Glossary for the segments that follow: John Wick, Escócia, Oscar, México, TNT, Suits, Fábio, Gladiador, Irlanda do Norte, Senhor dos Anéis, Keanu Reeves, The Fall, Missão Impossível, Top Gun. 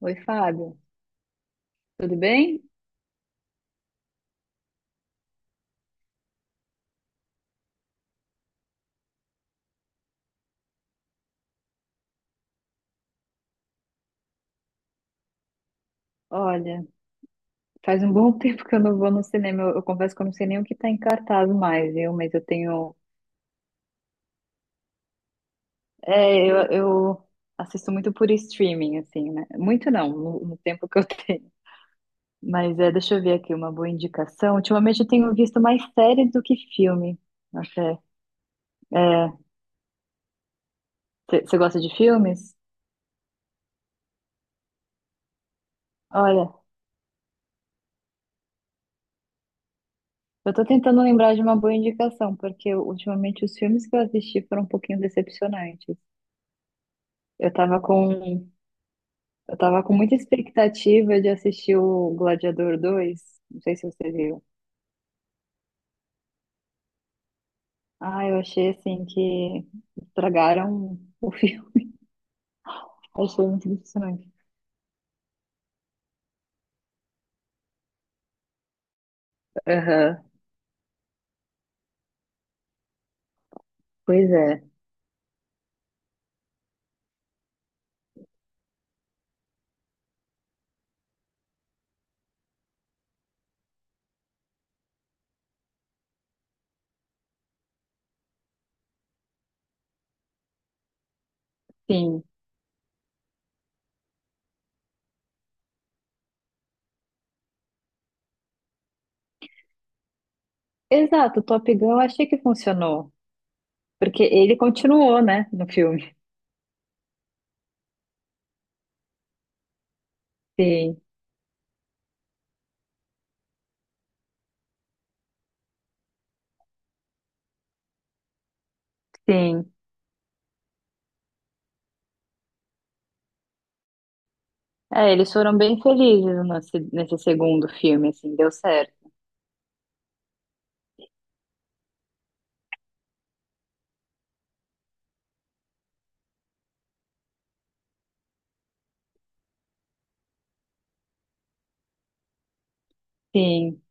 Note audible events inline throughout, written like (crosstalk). Oi, Fábio. Tudo bem? Olha, faz um bom (laughs) tempo que eu não vou no cinema. Eu confesso que eu não sei nem o que tá em cartaz mais, viu? Mas eu tenho. É, eu assisto muito por streaming, assim, né? Muito não, no tempo que eu (laughs) tenho. Mas é, deixa eu ver aqui uma boa indicação. Ultimamente eu tenho visto mais séries do que filme. Até. É, você gosta de filmes? Olha, eu tô tentando lembrar de uma boa indicação, porque ultimamente os filmes que eu assisti foram um pouquinho decepcionantes. Eu tava com Eu tava com muita expectativa de assistir o Gladiador dois. Não sei se você viu. Ah, eu achei assim que estragaram o filme. (laughs) Achei muito decepcionante. Aham. Pois é. Sim. Exato, o Top Gun eu achei que funcionou. Porque ele continuou, né, no filme. Sim, sim. É, eles foram bem felizes nesse, nesse segundo filme, assim, deu certo. Sim.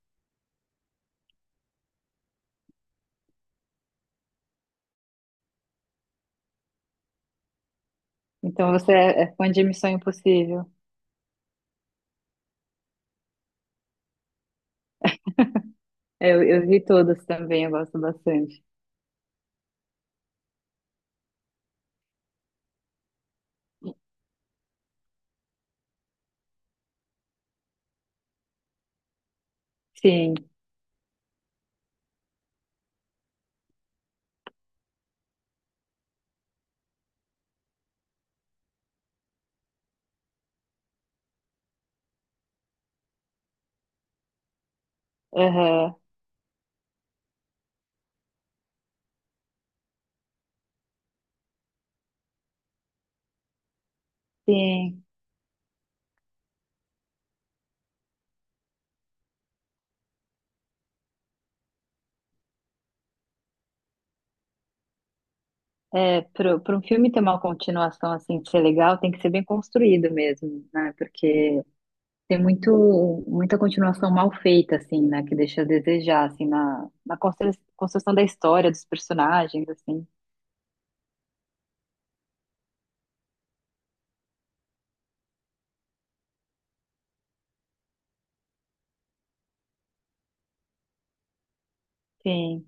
Então você é fã de Missão Impossível. É, eu vi todas também, eu gosto bastante. Sim. Aham, sim. É, para um filme ter uma continuação assim de ser legal, tem que ser bem construído mesmo, né? Porque tem muito, muita continuação mal feita, assim, né? Que deixa a desejar, assim, na, na construção da história, dos personagens, assim. Sim,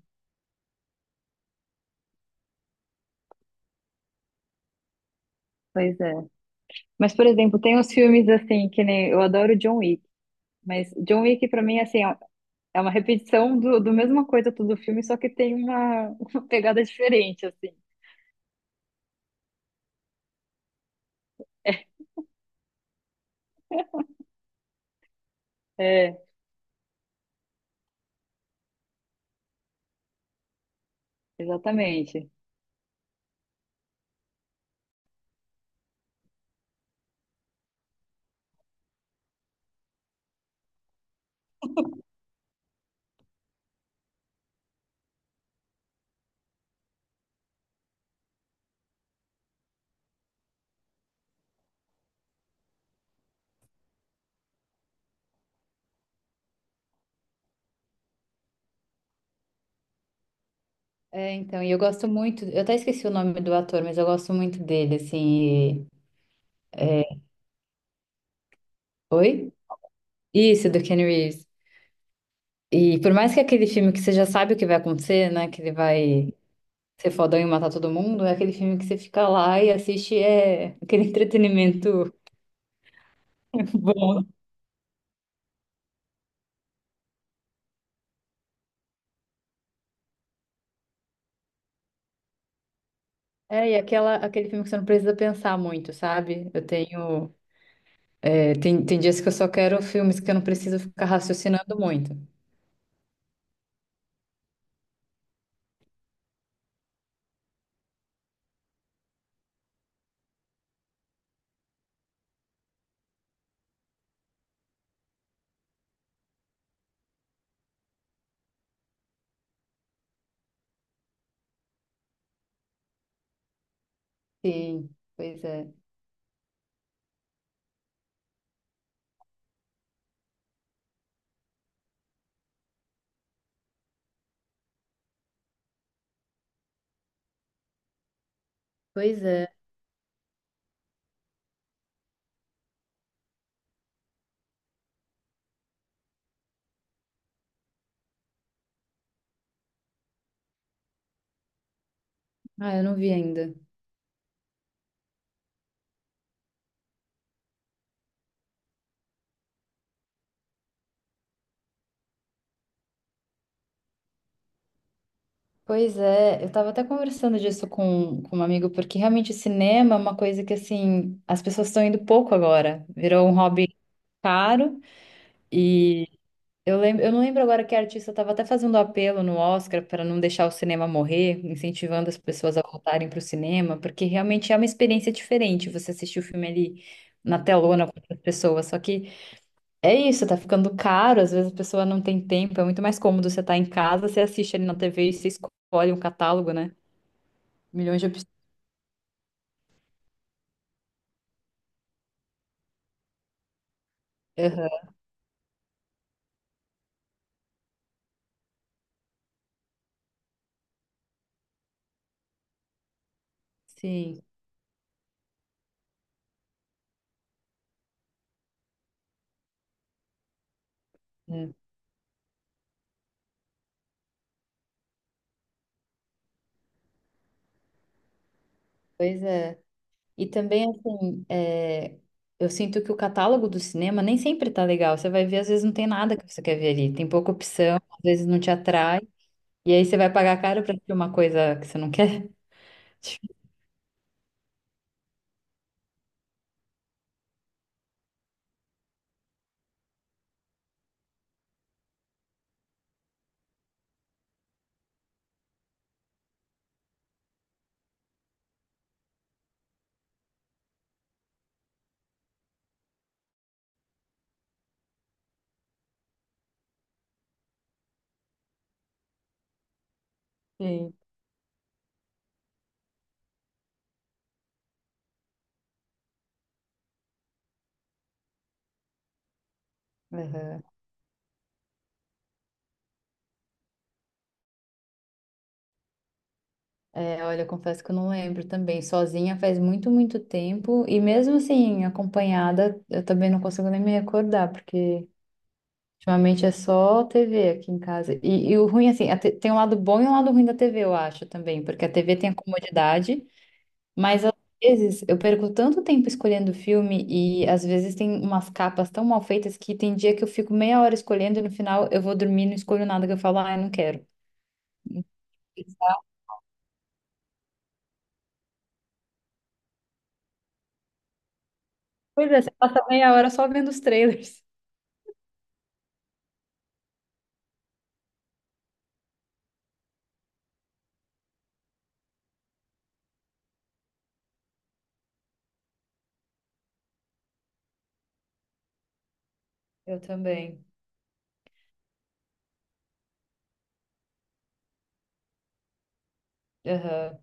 pois é. Mas, por exemplo, tem uns filmes assim, que nem eu adoro John Wick, mas John Wick, pra mim, assim, é uma repetição do, do mesma coisa todo filme, só que tem uma, (laughs) uma pegada diferente, assim. É, exatamente. É, então, e eu gosto muito, eu até esqueci o nome do ator, mas eu gosto muito dele, assim. E- Oi? Isso, do Keanu Reeves. E por mais que aquele filme que você já sabe o que vai acontecer, né? Que ele vai ser fodão e matar todo mundo, é aquele filme que você fica lá e assiste, é aquele entretenimento (laughs) bom. É, e aquela, aquele filme que você não precisa pensar muito, sabe? Eu tenho. É, tem, tem dias que eu só quero filmes que eu não preciso ficar raciocinando muito. Sim, pois é. Pois é. Ah, eu não vi ainda. Pois é, eu tava até conversando disso com um amigo, porque realmente o cinema é uma coisa que, assim, as pessoas estão indo pouco agora. Virou um hobby caro e eu lembro, eu não lembro agora que artista estava até fazendo apelo no Oscar para não deixar o cinema morrer, incentivando as pessoas a voltarem para o cinema, porque realmente é uma experiência diferente você assistir o filme ali na telona com outras pessoas. Só que é isso, tá ficando caro, às vezes a pessoa não tem tempo, é muito mais cômodo você estar em casa, você assiste ali na TV e você escolhe um catálogo, né? Milhões de opções. Aham. Sim, é. Pois é. E também, assim, é, eu sinto que o catálogo do cinema nem sempre tá legal. Você vai ver, às vezes não tem nada que você quer ver ali. Tem pouca opção, às vezes não te atrai. E aí você vai pagar caro pra assistir uma coisa que você não quer. (laughs) Sim. Aham. É, olha, eu confesso que eu não lembro também. Sozinha faz muito, muito tempo. E mesmo assim, acompanhada, eu também não consigo nem me recordar, porque ultimamente é só TV aqui em casa. E o ruim, assim, a tem um lado bom e um lado ruim da TV, eu acho também, porque a TV tem a comodidade, mas às vezes eu perco tanto tempo escolhendo filme e às vezes tem umas capas tão mal feitas que tem dia que eu fico meia hora escolhendo e no final eu vou dormir e não escolho nada, que eu falo, ah, eu não quero. Pois é, você passa meia hora só vendo os trailers. Eu também. Aham.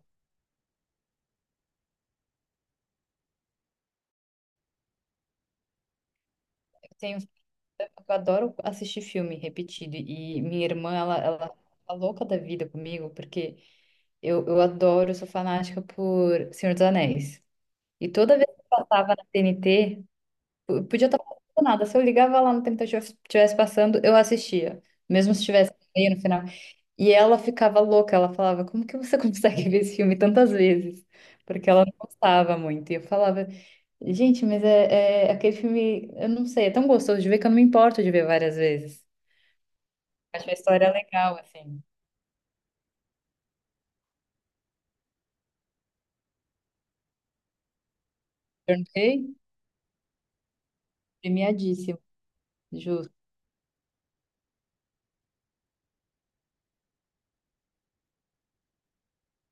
Eu tenho Eu adoro assistir filme repetido. E minha irmã, ela tá louca da vida comigo, porque eu adoro, eu sou fanática por Senhor dos Anéis. E toda vez que eu passava na TNT, p- podia estar passando nada. Se eu ligava lá no TNT, eu estivesse passando, eu assistia. Mesmo se tivesse meio no final. E ela ficava louca, ela falava, como que você (laughs) consegue ver esse filme tantas vezes? Porque ela não gostava muito. E eu falava. Gente, mas é, é aquele filme, eu não sei, é tão gostoso de ver que eu não me importo de ver várias vezes. Acho a história legal, assim. Tornei premiadíssimo, justo.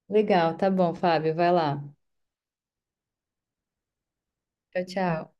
Legal, tá bom, Fábio, vai lá. Tchau, tchau.